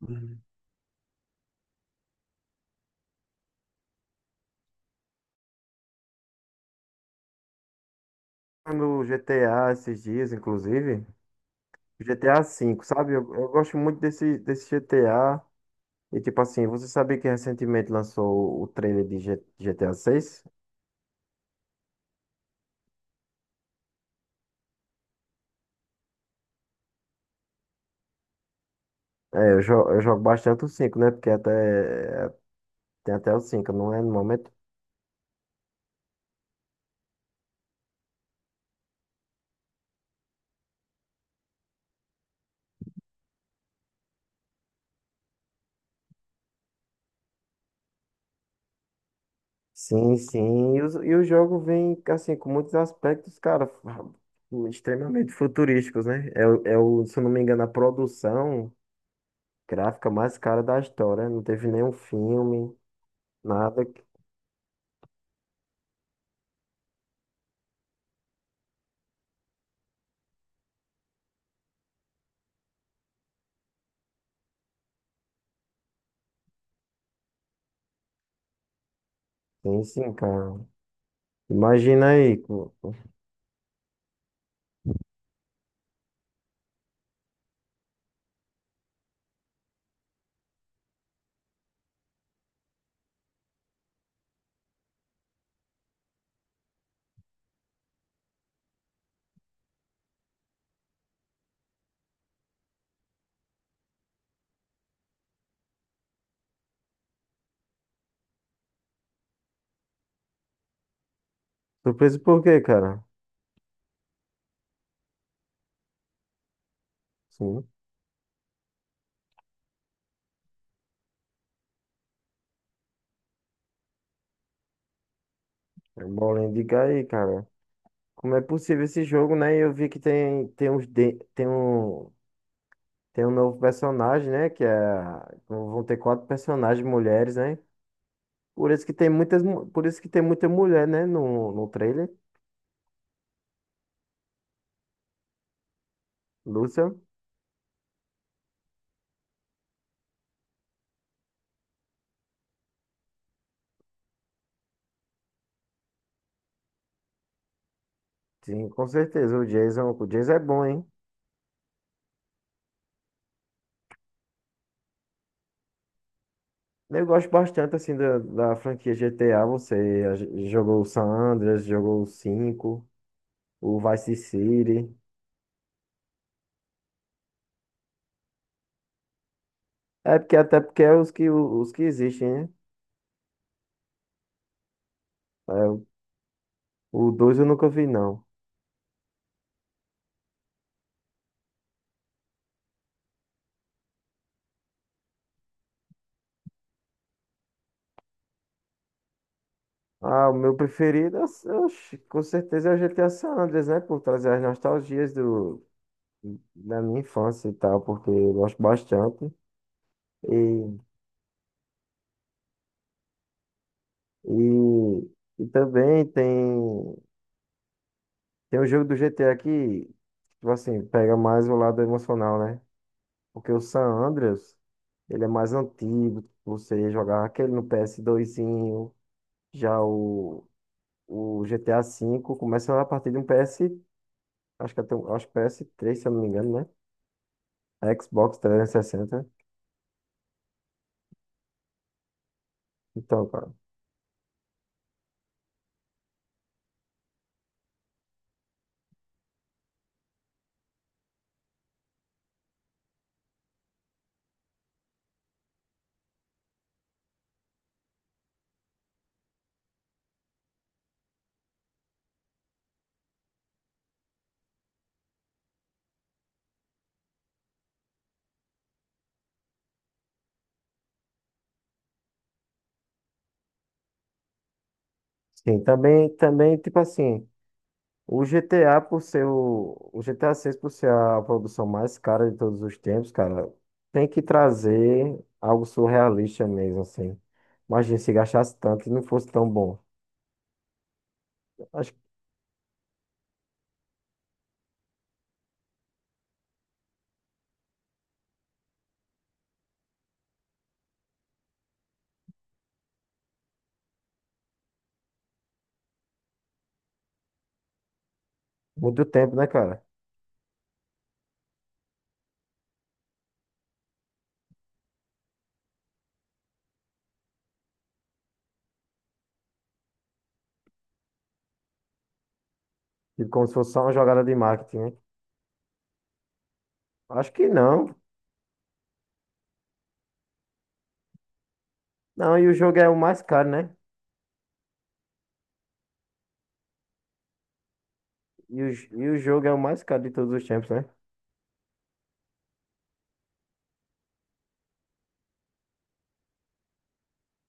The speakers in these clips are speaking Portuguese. Uhum. No GTA esses dias, inclusive, GTA V, sabe? Eu gosto muito desse GTA. E tipo assim, você sabia que recentemente lançou o trailer de GTA VI? É, eu jogo bastante o cinco, né? Porque até, é, tem até o cinco, não é no momento? Sim, sim. E, os- e o jogo vem, assim, com muitos aspectos, cara, fu- extremamente futurísticos, né? É, o, é o- se eu não me engano, a produção gráfica mais cara da história. Não teve nenhum filme. Nada Sim, sim, cara. Imagina aí. Surpreso por quê, cara? Sim. É bolinha de aí, cara. Como é possível esse jogo, né? Eu vi que tem tem um novo personagem, né? Que é Vão ter quatro personagens mulheres, né? Por isso que tem muita mulher, né? No trailer. Lúcia. Sim, com certeza. O Jason é bom, hein? Eu gosto bastante assim da franquia GTA. Você a- jogou o San Andreas, jogou o cinco, o Vice City. É porque até porque é os que existem, né? É, o 2 eu nunca vi, não. Ah, o meu preferido, oxe, com certeza é o GTA San Andreas, né? Por trazer as nostalgias da minha infância e tal, porque eu gosto bastante. E, e, e também tem o jogo do GTA que, tipo assim, pega mais o lado emocional, né? Porque o San Andreas, ele é mais antigo, você jogava aquele no PS2zinho. Já o GTA V começa a partir de um PS, acho que até, acho que PS3, se eu não me engano, né? Xbox 360. Então, cara. Sim, também, também, tipo assim, o GTA por ser o GTA 6, por ser a produção mais cara de todos os tempos, cara, tem que trazer algo surrealista mesmo, assim. Imagina se gastasse tanto e não fosse tão bom. Acho que muito tempo, né, cara? Tipo, como se fosse só uma jogada de marketing, né? Acho que não. Não, e o jogo é o mais caro, né? E o jogo é o mais caro de todos os tempos, né?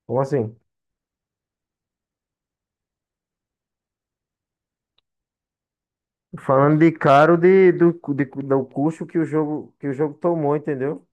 Como assim? Falando de caro de, do, cu- de cu- do custo que o jogo tomou, entendeu?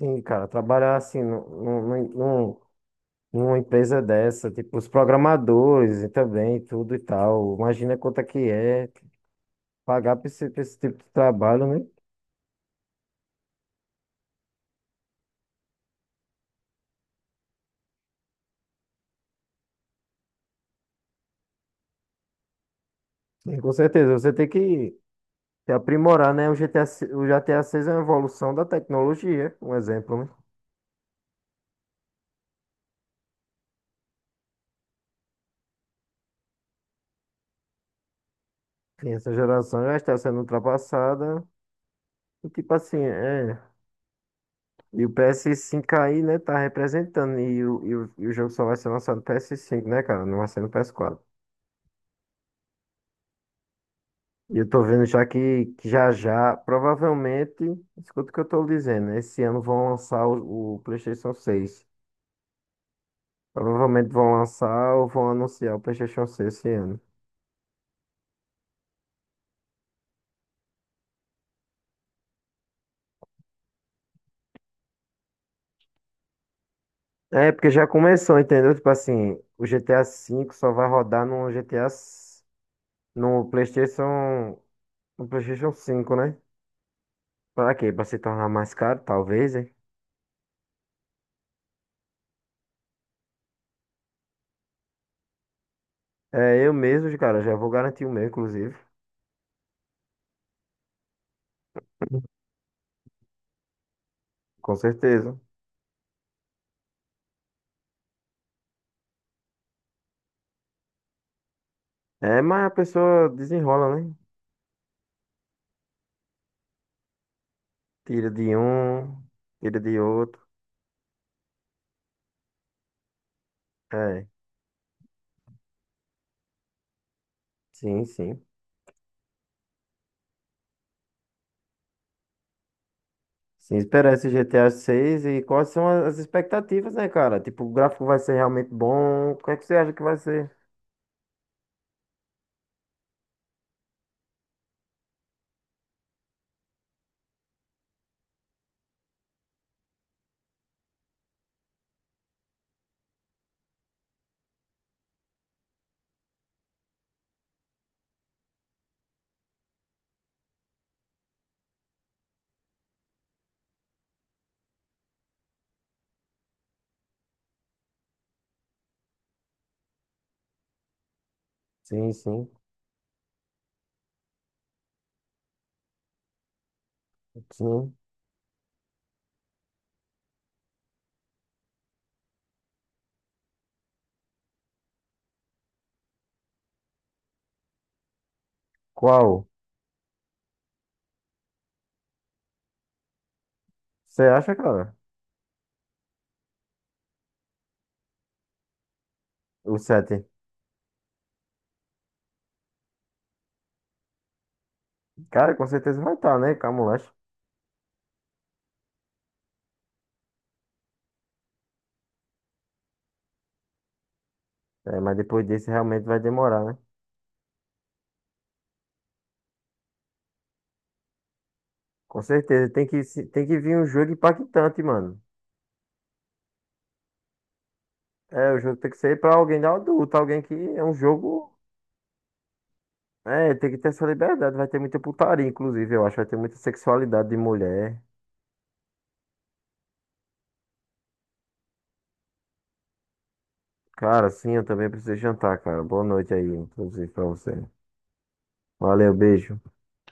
Sim, cara, trabalhar assim num, num- numa empresa dessa, tipo, os programadores e também, tudo e tal. Imagina quanto é que é pagar pra esse tipo de trabalho, né? Sim, com certeza, você tem que se aprimorar, né? O GTA, se- O GTA 6 é uma evolução da tecnologia, um exemplo, né? Sim, essa geração já está sendo ultrapassada. E tipo assim, é. E o PS5 aí, né, tá representando. E o jogo só vai ser lançado no PS5, né, cara? Não vai ser no PS4. E eu tô vendo já que já já, provavelmente, escuta o que eu tô dizendo, né? Esse ano vão lançar o PlayStation 6. Provavelmente vão lançar ou vão anunciar o PlayStation 6 esse ano. É, porque já começou, entendeu? Tipo assim, o GTA V só vai rodar no PlayStation 5, né? Pra quê? Pra se tornar mais caro, talvez, hein. É eu mesmo, cara, já vou garantir o meu, inclusive. Com certeza. É, mas a pessoa desenrola, né? Tira de um, tira de outro. É, sim, sim. Sim, esperar esse GTA 6 e quais são as expectativas, né, cara? Tipo, o gráfico vai ser realmente bom? O que é que você acha que vai ser? Sim, sim, sim. Qual? Você acha, cara? O sete. Cara, com certeza vai estar, né? Camulacho. É, mas depois desse realmente vai demorar, né? Com certeza. Tem que, se- Tem que vir um jogo impactante, mano. É, o jogo tem que ser pra alguém adulto, alguém que é um jogo. É, tem que ter essa liberdade. Vai ter muita putaria, inclusive, eu acho. Vai ter muita sexualidade de mulher. Cara, sim, eu também preciso jantar, cara. Boa noite aí, inclusive, pra você. Valeu, beijo.